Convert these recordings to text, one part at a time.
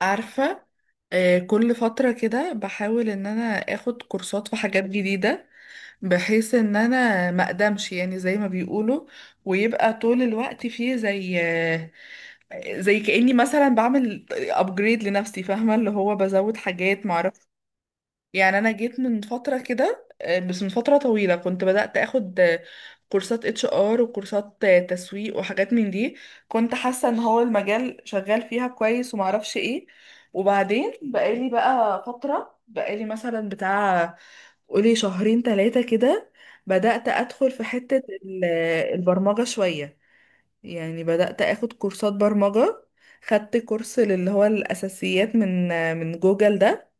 عارفة. كل فترة كده بحاول ان انا اخد كورسات في حاجات جديدة، بحيث ان انا ما اقدمش، يعني زي ما بيقولوا، ويبقى طول الوقت فيه زي كأني مثلا بعمل ابجريد لنفسي، فاهمة؟ اللي هو بزود حاجات معرفش. يعني انا جيت من فتره كده، بس من فتره طويله كنت بدات اخد كورسات HR وكورسات تسويق وحاجات من دي. كنت حاسه ان هو المجال شغال فيها كويس ومعرفش ايه. وبعدين بقالي بقى فتره، بقالي مثلا بتاع قولي شهرين ثلاثه كده، بدات ادخل في حته ال- البرمجه شويه، يعني بدات اخد كورسات برمجه. خدت كورس اللي هو الاساسيات من من جوجل ده،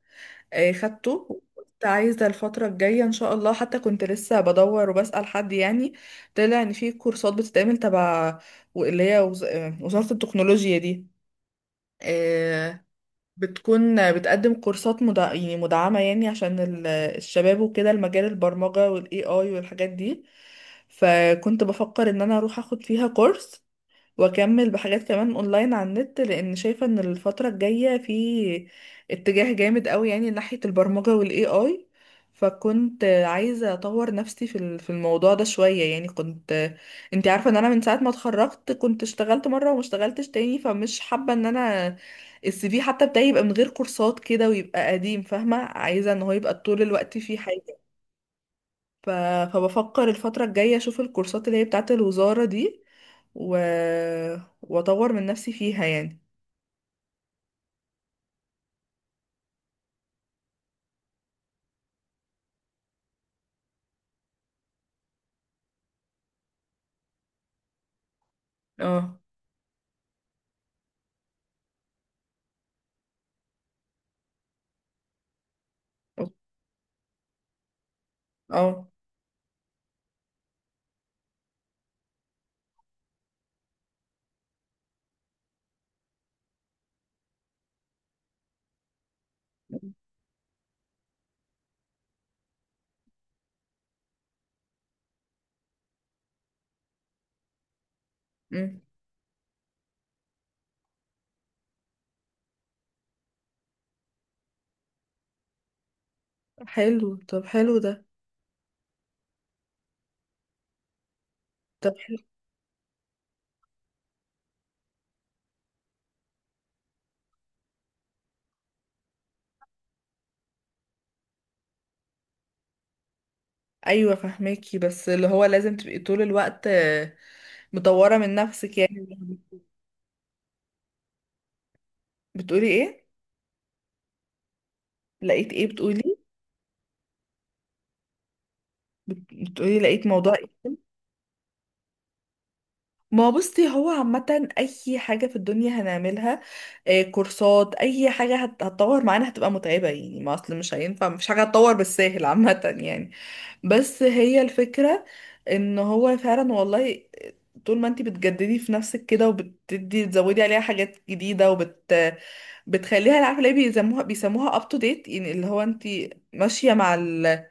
خدته. كنت عايزة الفترة الجاية إن شاء الله، حتى كنت لسه بدور وبسأل حد يعني. طلع إن في كورسات بتتعمل تبع اللي هي وزارة التكنولوجيا دي، آه، بتكون بتقدم كورسات يعني مدعمة، يعني عشان الشباب وكده، المجال البرمجة والاي اي والحاجات دي. فكنت بفكر ان انا اروح اخد فيها كورس واكمل بحاجات كمان اونلاين على النت، لان شايفه ان الفتره الجايه في اتجاه جامد قوي يعني ناحيه البرمجه والاي اي. فكنت عايزه اطور نفسي في الموضوع ده شويه. يعني كنت، انت عارفه ان انا من ساعه ما اتخرجت كنت اشتغلت مره وما اشتغلتش تاني، فمش حابه ان انا السي في حتى بتاعي يبقى من غير كورسات كده ويبقى قديم، فاهمه؟ عايزه ان هو يبقى طول الوقت فيه حاجه. ف... فبفكر الفترة الجاية اشوف الكورسات اللي هي بتاعة الوزارة دي، و... واطور من نفسي فيها يعني. اه. اه. أمم. حلو. طب حلو ده. طب حلو. ايوه فهماكي، بس اللي هو لازم تبقي طول الوقت مطورة من نفسك يعني. بتقولي ايه؟ لقيت ايه بتقولي؟ بتقولي لقيت موضوع. ما هو بصي، هو عامة أي حاجة في الدنيا هنعملها، كورسات أي حاجة هتطور معانا هتبقى متعبة يعني. ما أصل مش هينفع، مفيش حاجة هتطور بالساهل عامة يعني. بس هي الفكرة إن هو فعلا والله، طول ما انتي بتجددي في نفسك كده وبتدي تزودي عليها حاجات جديدة وبت بتخليها، عارفة ليه بيسموها up to date؟ يعني اللي هو انتي ماشية مع ال...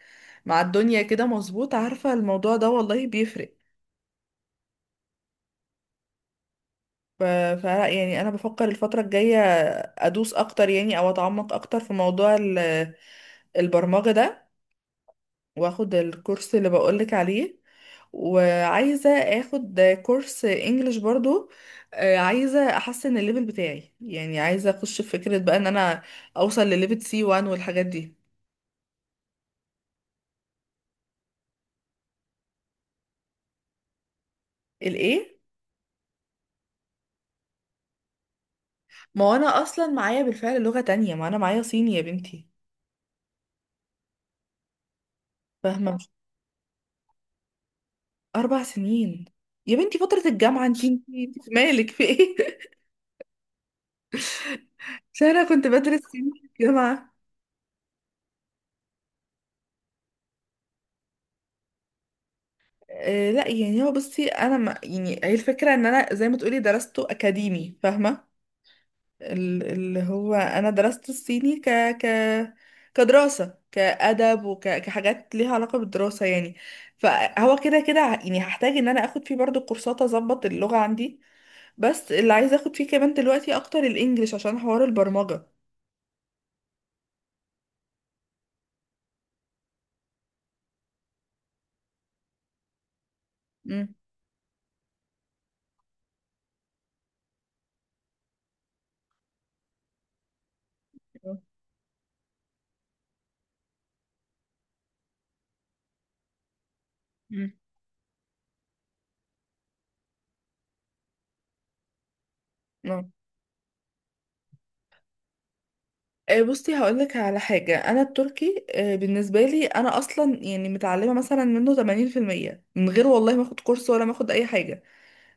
مع الدنيا كده. مظبوط؟ عارفة، الموضوع ده والله بيفرق. ف- فلا يعني انا بفكر الفتره الجايه ادوس اكتر، يعني او اتعمق اكتر في موضوع البرمجه ده، واخد الكورس اللي بقولك عليه، وعايزه اخد كورس انجليش برضو. عايزه احسن الليفل بتاعي، يعني عايزه اخش في فكره بقى ان انا اوصل لليفل سي 1 والحاجات دي. الايه؟ ما هو انا اصلا معايا بالفعل لغه تانية، ما انا معايا صيني يا بنتي. فاهمه؟ مش 4 سنين يا بنتي فتره الجامعه، انتي في مالك في ايه؟ عشان انا كنت بدرس سينما في الجامعة. آه لا، يعني هو بصي، انا ما يعني، هي الفكرة ان انا زي ما تقولي درسته اكاديمي، فاهمة؟ اللي هو انا درست الصيني ك ك كدراسة، كأدب وكحاجات ليها علاقة بالدراسة يعني. فهو كده كده يعني هحتاج ان انا اخد فيه برضو كورسات اظبط اللغة عندي. بس اللي عايزة اخد فيه كمان دلوقتي اكتر الانجليش، عشان حوار البرمجة. امم. بصي هقولك على حاجة، أنا التركي بالنسبة لي أنا أصلا يعني متعلمة مثلا منه 80% من غير والله ما أخد كورس ولا ما أخد أي حاجة،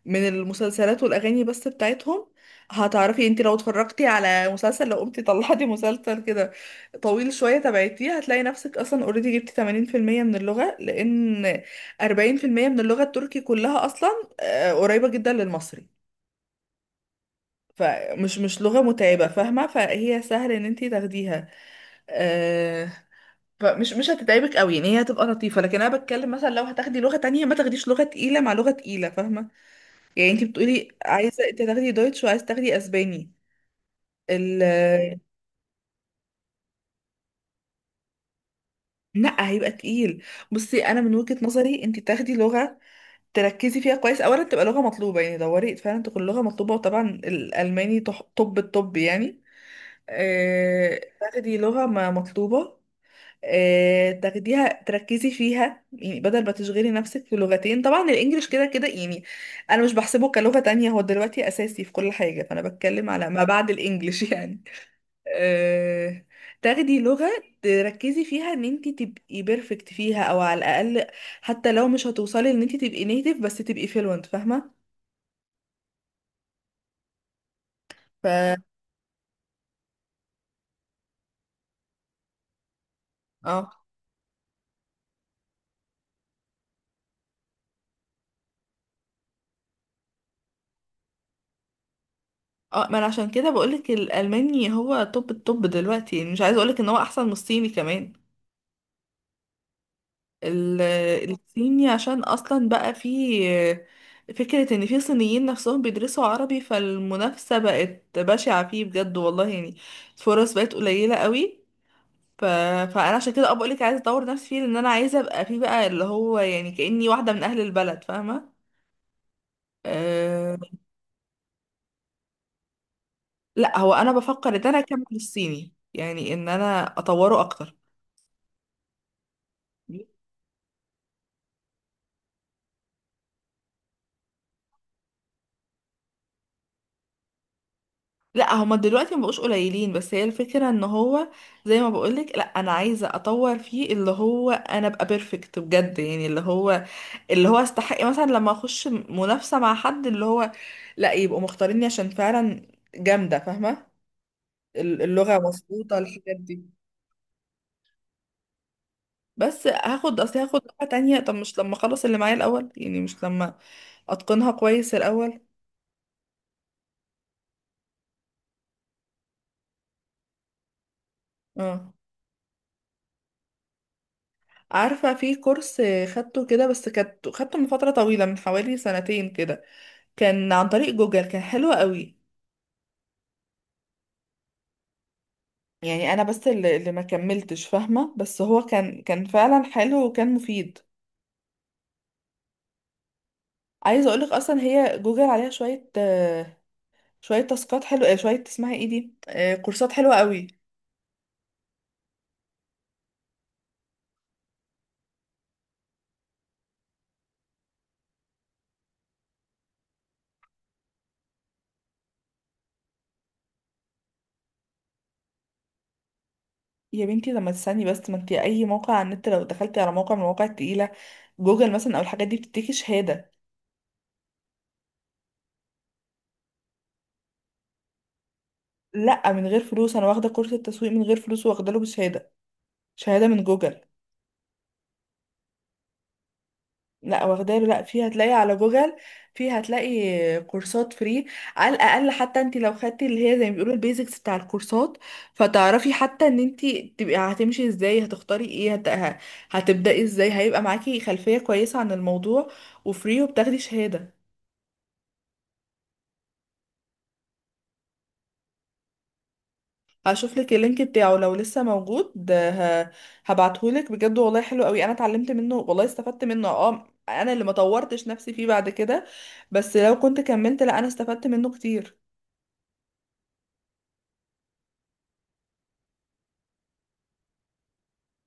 من المسلسلات والأغاني بس بتاعتهم. هتعرفي انتي لو اتفرجتي على مسلسل، لو قمتي طلعتي مسلسل كده طويل شوية تبعتيه، هتلاقي نفسك أصلا اوريدي جبتي 80% من اللغة. لأن 40% من اللغة التركي كلها أصلا قريبة جدا للمصري. فمش مش لغة متعبة، فاهمة؟ فهي سهل ان انتي تاخديها. آه، فمش مش هتتعبك قوي يعني، هي هتبقى لطيفه. لكن انا بتكلم مثلا، لو هتاخدي لغه تانية ما تاخديش لغه تقيله مع لغه تقيله، فاهمه؟ يعني انت بتقولي عايزه انت تاخدي دويتش وعايزه تاخدي اسباني. ال لا، هيبقى تقيل. بصي انا من وجهه نظري انت تاخدي لغه تركزي فيها كويس، اولا تبقى لغه مطلوبه، يعني دوري فعلا تكون لغه مطلوبه، وطبعا الالماني طب الطب يعني. تاخدي لغه ما مطلوبه، تاخديها تركزي فيها، يعني بدل ما تشغلي نفسك في لغتين. طبعا الانجليش كده كده يعني، انا مش بحسبه كلغة تانية، هو دلوقتي اساسي في كل حاجة، فانا بتكلم على ما بعد الانجليش يعني. آه، تاخدي لغة تركزي فيها ان انت تبقي بيرفكت فيها، او على الاقل حتى لو مش هتوصلي ان انت تبقي نيتيف، بس تبقي فلوينت، فاهمة؟ ف اه. اه. ما انا عشان كده بقولك الالماني هو توب التوب دلوقتي، يعني مش عايزه اقولك ان هو احسن من الصيني كمان. ال- الصيني عشان اصلا بقى في فكرة ان في صينيين نفسهم بيدرسوا عربي، فالمنافسة بقت بشعة فيه بجد والله يعني. الفرص بقت قليلة قوي. ف... فانا عشان كده ابقى لك عايزة اطور نفسي فيه، لان انا عايزة ابقى فيه بقى اللي هو يعني كأني واحدة من اهل البلد، فاهمة؟ أه... لا هو انا بفكر ان انا اكمل الصيني يعني، ان انا اطوره اكتر. لا هما دلوقتي مبقوش قليلين، بس هي الفكرة ان هو زي ما بقولك، لا انا عايزة اطور فيه، اللي هو انا ابقى بيرفكت بجد يعني، اللي هو استحق مثلا لما اخش منافسة مع حد، اللي هو لا يبقوا مختاريني عشان فعلا جامدة، فاهمة؟ اللغة مظبوطة الحاجات دي. بس هاخد، اصل هاخد لغة تانية طب مش لما اخلص اللي معايا الاول، يعني مش لما اتقنها كويس الاول. اه، عارفة في كورس خدته كده، بس كانت خدته من فترة طويلة، من حوالي سنتين كده. كان عن طريق جوجل، كان حلو قوي. يعني انا بس اللي ما كملتش، فاهمه؟ بس هو كان فعلا حلو وكان مفيد. عايزه اقولك اصلا هي جوجل عليها شويه، شويه تاسكات حلوه، شويه اسمها ايه دي، كورسات حلوه قوي. يا بنتي لما تستني بس، ما انت اي موقع على النت لو دخلتي على موقع من المواقع التقيله، جوجل مثلا او الحاجات دي، بتديكي شهاده. لا من غير فلوس، انا واخده كورس التسويق من غير فلوس، واخده له بشهاده، شهاده من جوجل. لا واخداله، لا في، هتلاقي على جوجل، في هتلاقي كورسات فري. على الاقل حتى انت لو خدتي اللي هي زي ما بيقولوا البيزكس بتاع الكورسات، فتعرفي حتى ان انت تبقي هتمشي ازاي، هتختاري ايه، هتبداي ازاي، هيبقى معاكي خلفية كويسة عن الموضوع، وفري، وبتاخدي شهادة. هشوف لك اللينك بتاعه لو لسه موجود، هبعتهولك. بجد والله حلو قوي، انا اتعلمت منه والله، استفدت منه. اه انا اللي ما طورتش نفسي فيه بعد كده، بس لو كنت كملت، لا انا استفدت منه كتير.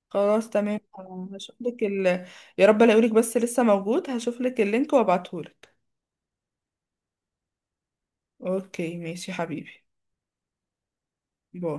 خلاص تمام. هشوف لك يا رب الاقيلك، بس لسه موجود. هشوف لك اللينك وابعتهولك. اوكي ماشي يا حبيبي. باي.